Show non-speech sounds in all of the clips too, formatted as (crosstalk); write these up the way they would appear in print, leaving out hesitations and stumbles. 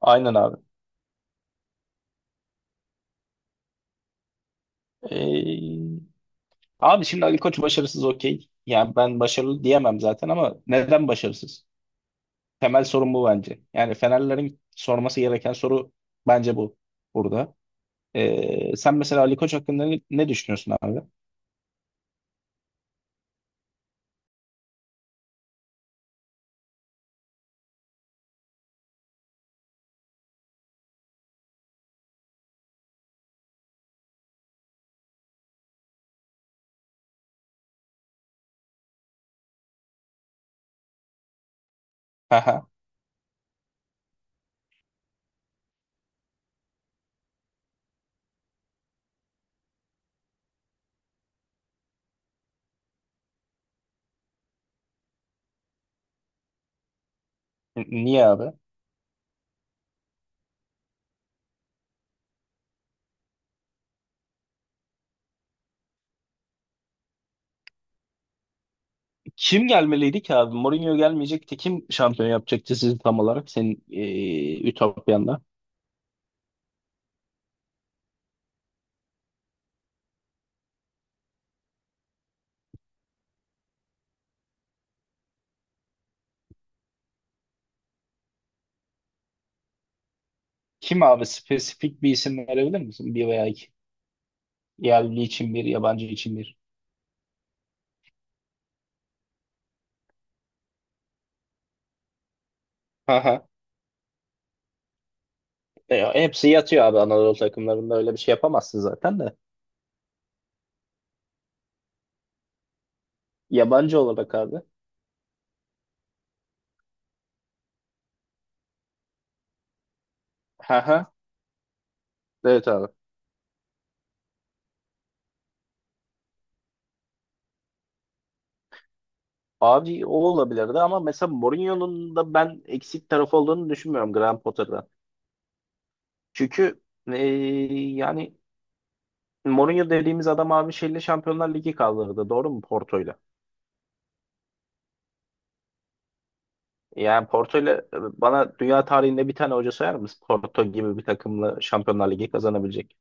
Aynen abi. Ee, Abi şimdi Ali Koç başarısız okey. Yani ben başarılı diyemem zaten ama neden başarısız? Temel sorun bu bence. Yani Fenerlerin sorması gereken soru bence bu burada. Sen mesela Ali Koç hakkında ne düşünüyorsun abi? Haha. Niye abi? Kim gelmeliydi ki abi? Mourinho gelmeyecekti. Kim şampiyon yapacaktı sizi tam olarak senin Ütopya'nda? Kim abi? Spesifik bir isim verebilir misin? Bir veya iki. Yerli için bir, yabancı için bir. Haha. Hepsi yatıyor abi, Anadolu takımlarında öyle bir şey yapamazsın zaten de. Yabancı olarak abi. Ha ha. Evet abi. Abi o olabilirdi ama mesela Mourinho'nun da ben eksik tarafı olduğunu düşünmüyorum Graham Potter'dan. Çünkü e, yani Mourinho dediğimiz adam abi şeyle Şampiyonlar Ligi kaldırdı. Doğru mu Porto'yla? Yani Porto'yla bana dünya tarihinde bir tane hoca sayar mısın Porto gibi bir takımla Şampiyonlar Ligi kazanabilecek?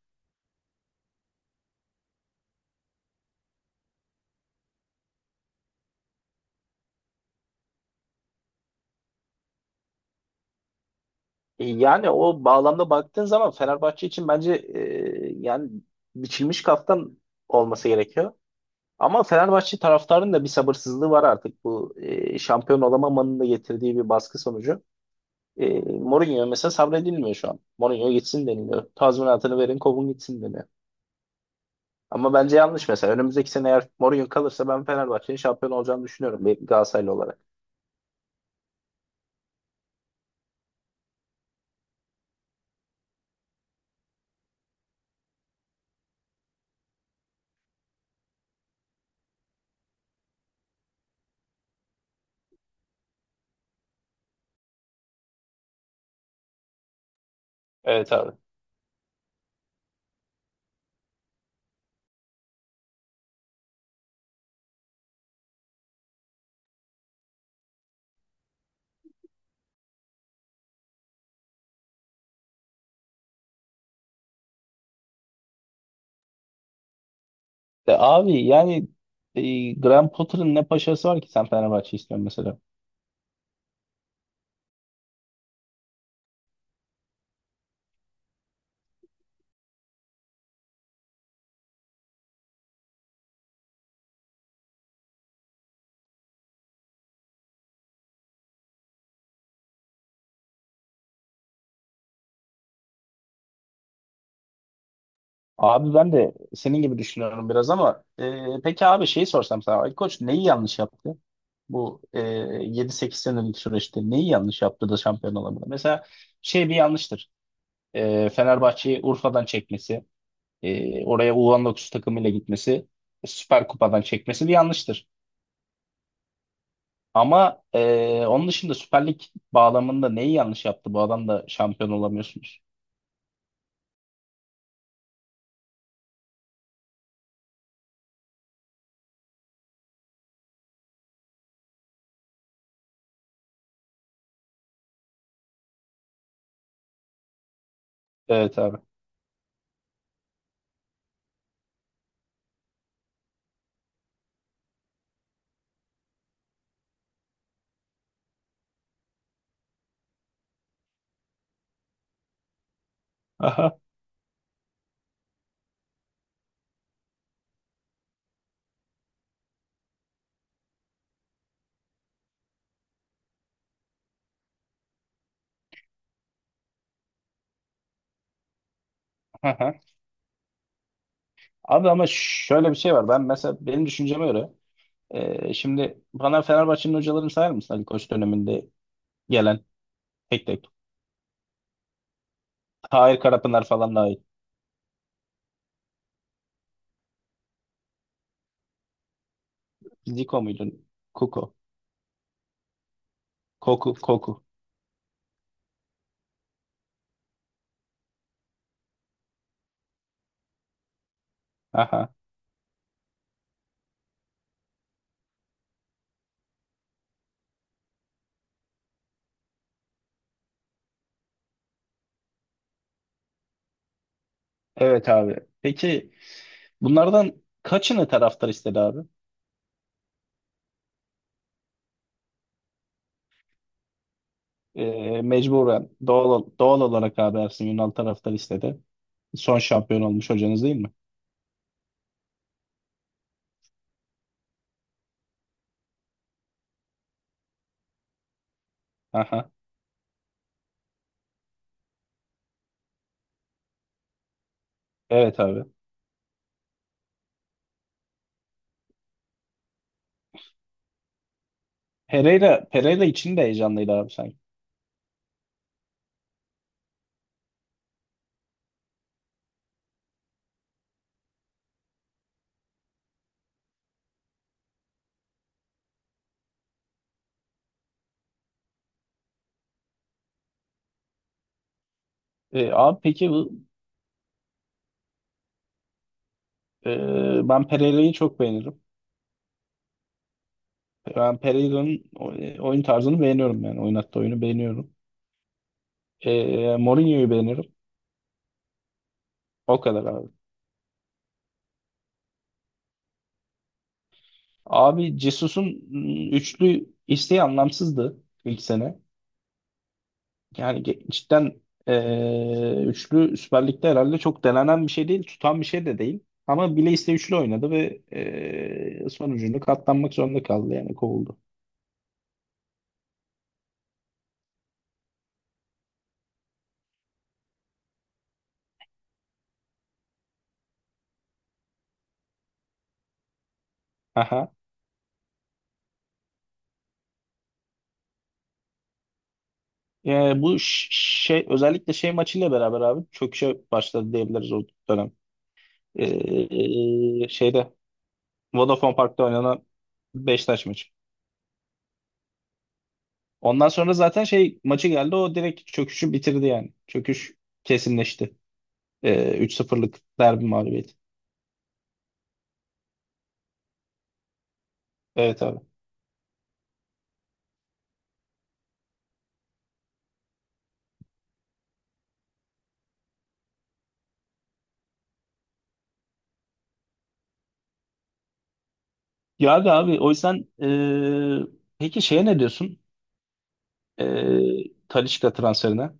Yani o bağlamda baktığın zaman Fenerbahçe için bence yani biçilmiş kaftan olması gerekiyor. Ama Fenerbahçe taraftarının da bir sabırsızlığı var artık, bu şampiyon olamamanın da getirdiği bir baskı sonucu. Mourinho mesela sabredilmiyor şu an. Mourinho gitsin deniliyor. Tazminatını verin, kovun gitsin deniyor. Ama bence yanlış mesela. Önümüzdeki sene eğer Mourinho kalırsa ben Fenerbahçe'nin şampiyon olacağını düşünüyorum bir Galatasaraylı olarak. Evet abi. Abi yani Graham Potter'ın ne paşası var ki sen Fenerbahçe istiyorsun mesela? Abi ben de senin gibi düşünüyorum biraz ama peki abi şeyi sorsam sana, Ali Koç neyi yanlış yaptı? Bu 7-8 senelik süreçte neyi yanlış yaptı da şampiyon olamadı? Mesela şey bir yanlıştır. Fenerbahçe'yi Urfa'dan çekmesi, oraya U19 takımıyla gitmesi, Süper Kupa'dan çekmesi bir yanlıştır. Ama onun dışında Süper Lig bağlamında neyi yanlış yaptı? Bu adam da şampiyon olamıyorsunuz. Evet abi. (laughs) Aha. Aha. Abi ama şöyle bir şey var. Ben mesela benim düşünceme göre, şimdi bana Fenerbahçe'nin hocalarını sayar mısın Ali Koç döneminde gelen, tek tek? Tahir Karapınar falan dahil. Zico muydu? Kuko. Koku. Koku. Aha. Evet abi. Peki bunlardan kaçını taraftar istedi abi? Mecburen doğal olarak abi Ersun Yanal taraftar istedi. Son şampiyon olmuş hocanız değil mi? Aha. Evet abi. Pereira için de heyecanlıydı abi sanki. Abi peki ben Pereira'yı çok beğenirim. Ben Pereira'nın oyun tarzını beğeniyorum yani. Oynattığı oyunu beğeniyorum. Mourinho'yu beğeniyorum. O kadar abi. Abi Jesus'un üçlü isteği anlamsızdı ilk sene. Yani cidden üçlü Süper Lig'de herhalde çok denenen bir şey değil. Tutan bir şey de değil. Ama bile iste üçlü oynadı ve sonucunda katlanmak zorunda kaldı yani kovuldu. Aha. Bu şey, özellikle şey maçıyla beraber abi çöküşe başladı diyebiliriz o dönem. Şeyde Vodafone Park'ta oynanan Beşiktaş maçı. Ondan sonra zaten şey maçı geldi, o direkt çöküşü bitirdi yani. Çöküş kesinleşti. 3-0'lık derbi mağlubiyeti. Evet abi. Ya abi, o yüzden peki şeye ne diyorsun, Talisca transferine?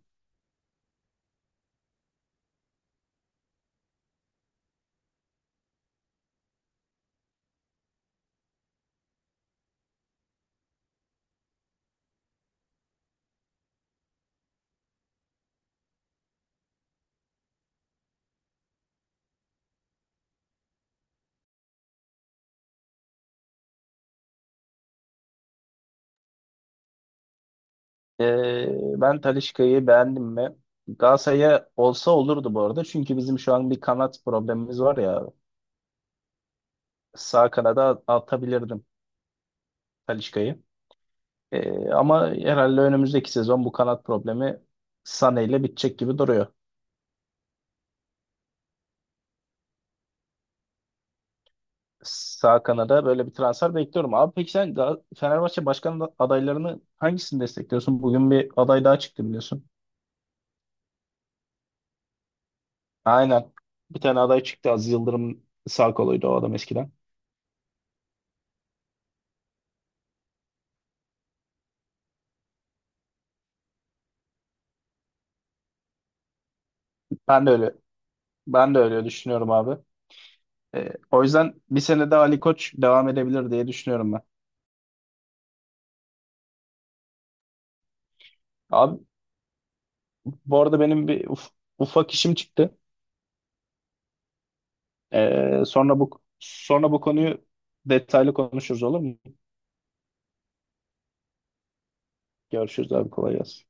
E, Ben Talisca'yı beğendim mi? Galatasaray'a olsa olurdu bu arada. Çünkü bizim şu an bir kanat problemimiz var ya. Sağ kanada atabilirdim Talisca'yı. Ama herhalde önümüzdeki sezon bu kanat problemi Sané ile bitecek gibi duruyor. Sağ kanada böyle bir transfer bekliyorum. Abi peki sen Fenerbahçe başkan adaylarını, hangisini destekliyorsun? Bugün bir aday daha çıktı biliyorsun. Aynen. Bir tane aday çıktı. Aziz Yıldırım sağ koluydu o adam eskiden. Ben de öyle ben de öyle düşünüyorum abi. O yüzden bir sene daha Ali Koç devam edebilir diye düşünüyorum ben. Abi bu arada benim bir ufak işim çıktı. Ee, sonra bu sonra bu konuyu detaylı konuşuruz olur mu? Görüşürüz abi, kolay gelsin.